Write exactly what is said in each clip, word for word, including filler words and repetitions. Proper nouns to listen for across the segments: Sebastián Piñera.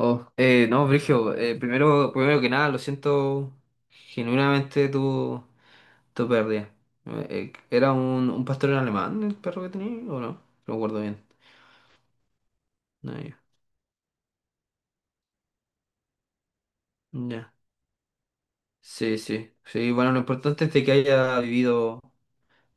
Oh, eh, no, Brigio, eh, primero, primero que nada, lo siento genuinamente tu, tu pérdida. Eh, eh, ¿era un, un pastor alemán el perro que tenía o no? No me acuerdo bien. No, ya. Ya. Sí, sí. Sí, bueno, lo importante es de que haya vivido,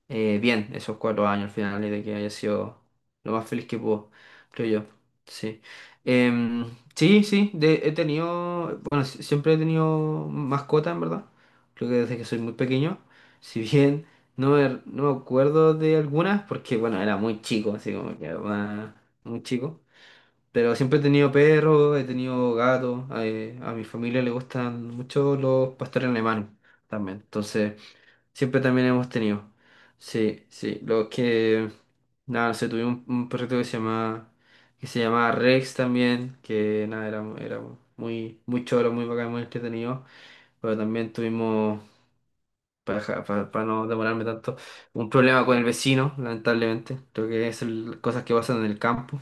eh, bien esos cuatro años al final y de que haya sido lo más feliz que pudo, creo yo. Sí. Em, sí, sí, de- he tenido, bueno, si- siempre he tenido mascota, en verdad. Creo que desde que soy muy pequeño. Si bien no me, no me acuerdo de algunas, porque bueno, era muy chico, así como que ah, muy chico. Pero siempre he tenido perros, he tenido gatos. Eh, a mi familia le gustan mucho los pastores alemanes también. Entonces. Siempre también hemos tenido. Sí, sí. Lo que. Nada, no sé, tuve un, un perrito que se llama. Que se llamaba Rex también. Que nada, era, era muy, muy choro, muy bacán, muy entretenido. Pero también tuvimos. Para, para, para no demorarme tanto. Un problema con el vecino, lamentablemente. Creo que es el- cosas que pasan en el campo.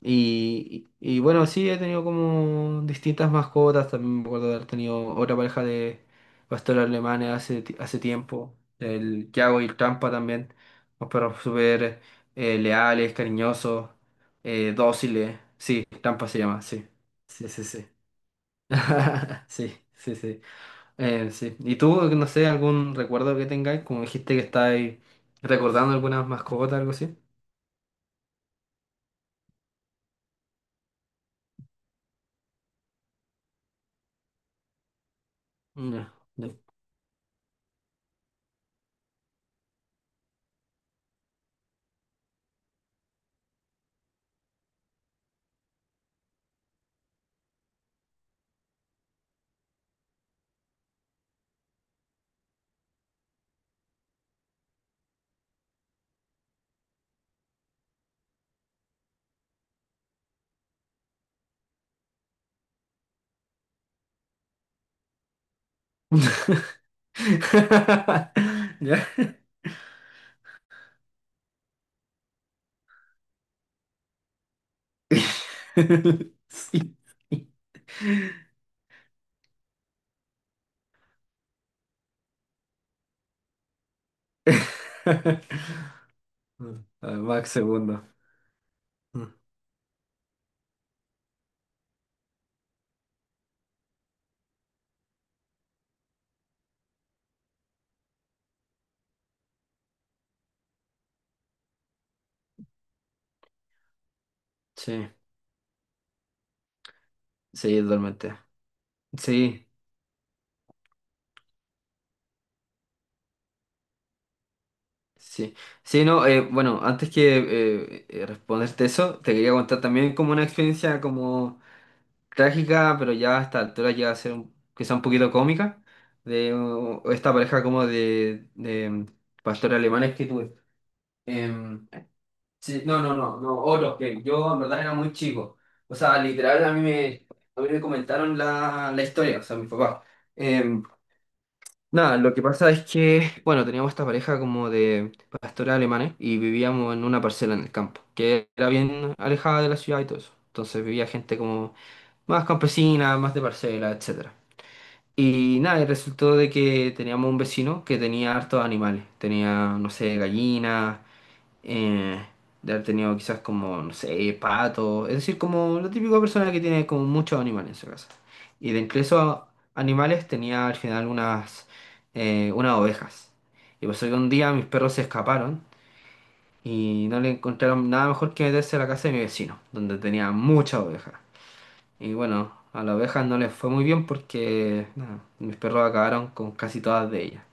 Y, y- bueno, sí, he tenido como distintas mascotas. También me acuerdo de haber tenido otra pareja de pastores alemanes hace, ti- hace tiempo. El Yago y el Trampa también. Unos perros súper eh, leales, cariñosos, eh, dóciles. Sí, Trampa se llama, sí. Sí, sí, sí. Sí, sí, sí. Eh, sí. ¿Y tú, no sé, algún recuerdo que tengáis? Como dijiste que estáis recordando algunas mascotas, algo así. No, no. ¿Ya? Sí, sí. A ver, Max segundo. Mm. Sí, sí, totalmente. Sí, sí. Sí, no, eh, bueno, antes que eh, eh, responderte eso, te quería contar también como una experiencia como trágica, pero ya a esta altura llega a ser un- quizá un poquito cómica, de uh, esta pareja como de, de, mm, pastores alemanes que tuve. Em, Sí, no, no, no, no, otros que yo en verdad era muy chico. O sea, literal, a mí me, a mí me comentaron la, la historia, o sea, mi papá. Em, nada, lo que pasa es que, bueno, teníamos esta pareja como de pastores alemanes y vivíamos en una parcela en el campo, que era bien alejada de la ciudad y todo eso. Entonces vivía gente como más campesina, más de parcela, etcétera. Y nada, y resultó de que teníamos un vecino que tenía hartos animales. Tenía, no sé, gallinas, eh, de haber tenido quizás como, no sé, pato, es decir, como la típica persona que tiene como muchos animales en su casa. Y de entre esos animales tenía al final unas, eh, unas ovejas. Y pasó que un día mis perros se escaparon y no le encontraron nada mejor que meterse a la casa de mi vecino, donde tenía muchas ovejas. Y bueno, a las ovejas no les fue muy bien porque nada, mis perros acabaron con casi todas de ellas.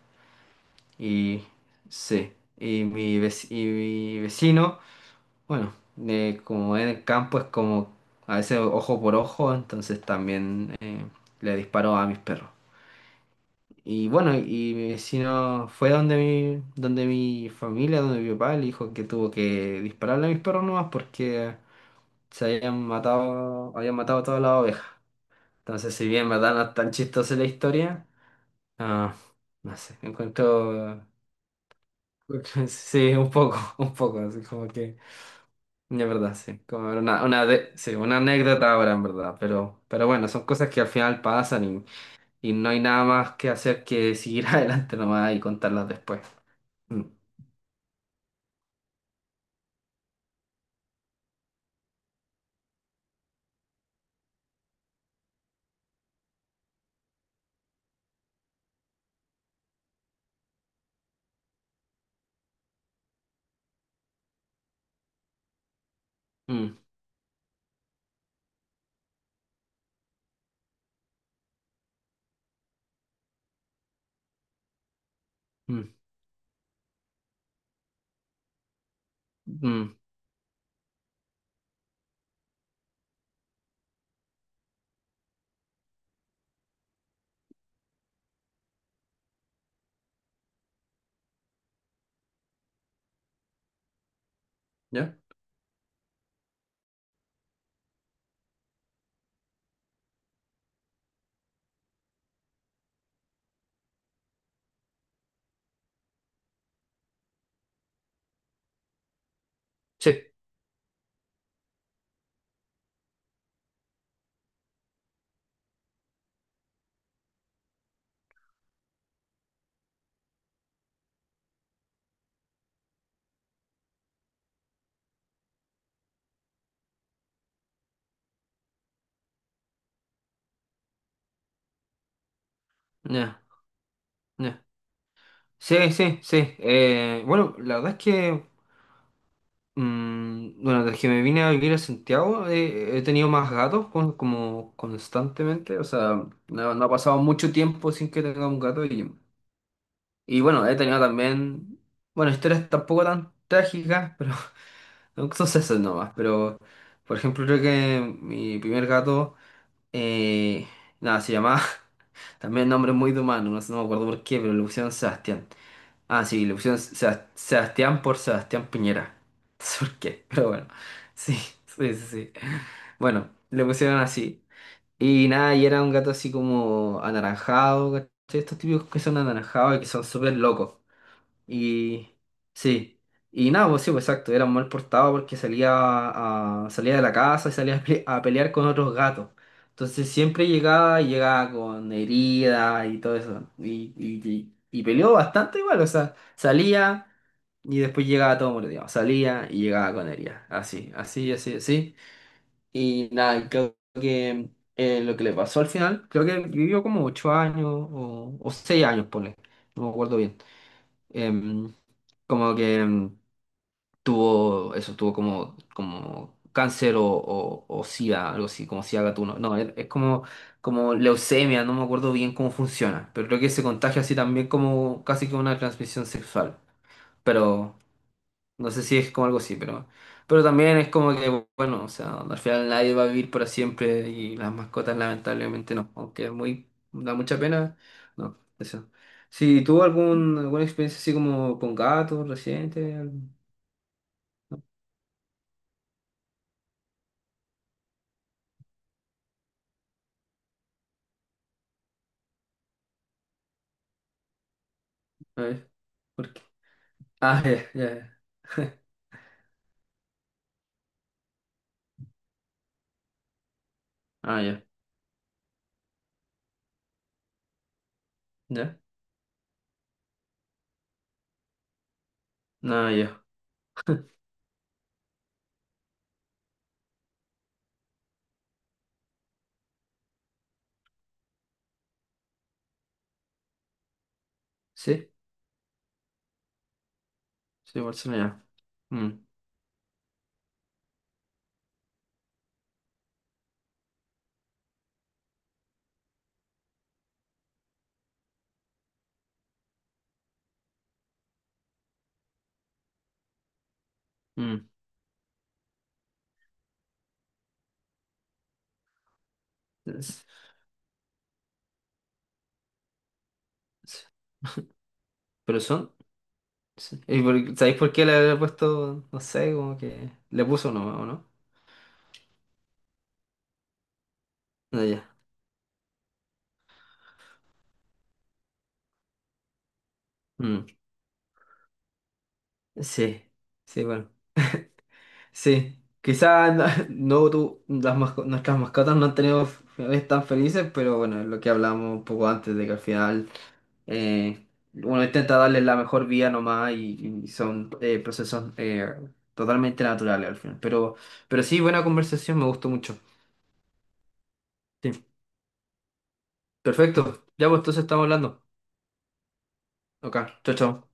Y sí, y mi, vec- y mi vecino bueno, eh, como en el campo es como a veces ojo por ojo, entonces también eh, le disparo a mis perros. Y bueno, y si no fue donde mi, donde mi familia, donde mi papá, le dijo que tuvo que dispararle a mis perros nomás porque se habían matado, habían matado todas las ovejas. Entonces, si bien verdad no es tan chistosa la historia, ah, no sé, encuentro, sí, un poco, un poco, así como que... es verdad, sí. Como era una, una de- sí, una anécdota ahora, en verdad. Pero, pero bueno, son cosas que al final pasan y, y no hay nada más que hacer que seguir adelante nomás y contarlas después. Mm, mm, mm, mm. ¿Ya? Sí, ya, ya. Sí, sí, sí. Eh, bueno, la verdad es que, mm, bueno, desde que me vine a vivir a Santiago eh, he tenido más gatos con- como constantemente. O sea, no, no ha pasado mucho tiempo sin que tenga un gato. y Y bueno, he tenido también, bueno, historias tampoco tan trágicas, pero son sucesos nomás. Pero, por ejemplo, creo que mi primer gato, eh, nada, se llamaba, también nombre muy de humano, no sé, no me acuerdo por qué, pero le pusieron Sebastián. Ah, sí, le pusieron Sebas- Sebastián por Sebastián Piñera. No sé por qué, pero bueno, sí, sí, sí, sí. Bueno, le pusieron así. Y nada, y era un gato así como anaranjado, ¿cachai? Estos típicos que son anaranjados y que son súper locos. Y sí, y nada, pues sí, pues exacto, era mal portado porque salía, a- salía de la casa y salía a, pe- a pelear con otros gatos. Entonces siempre llegaba y llegaba con heridas y todo eso. Y, y, y, y peleó bastante igual, o sea, salía y después llegaba todo mordido. Salía y llegaba con heridas. Así, así, así, así. Y nada, y creo que eh, lo que le pasó al final, creo que vivió como ocho años o, o seis años, ponle. No me acuerdo bien. em, Como que em, tuvo eso, tuvo como, como cáncer o, o, o SIDA, algo así, como SIDA gatuno. No, es, es como, como leucemia, no me acuerdo bien cómo funciona, pero creo que se contagia así también como casi que una transmisión sexual. Pero no sé si es como algo así, pero, pero también es como que, bueno, o sea, al final nadie va a vivir para siempre y las mascotas lamentablemente no, aunque es muy, da mucha pena, no, eso. Si tuvo algún, alguna experiencia así como con gatos reciente, al- a ver, ¿por qué? Ah, ya, ya, ya. Ah, ya, ya, no, ya, sí, sí, Barcelona, ya. Mm, mm. Es- es- pero son, sí. ¿Y por- ¿sabéis por qué le había puesto, no sé, como que le puso no, o no? Ah, ya. Mm. Sí, sí, bueno. Sí, quizás no, no tu- las masco- nuestras mascotas no han tenido finales tan felices, pero bueno, es lo que hablamos un poco antes de que al final eh, uno intenta darles la mejor vida nomás y, y son eh, procesos eh, totalmente naturales al final. Pero, pero sí, buena conversación, me gustó mucho. Sí, perfecto. Ya pues entonces estamos hablando. Ok, chao, chao.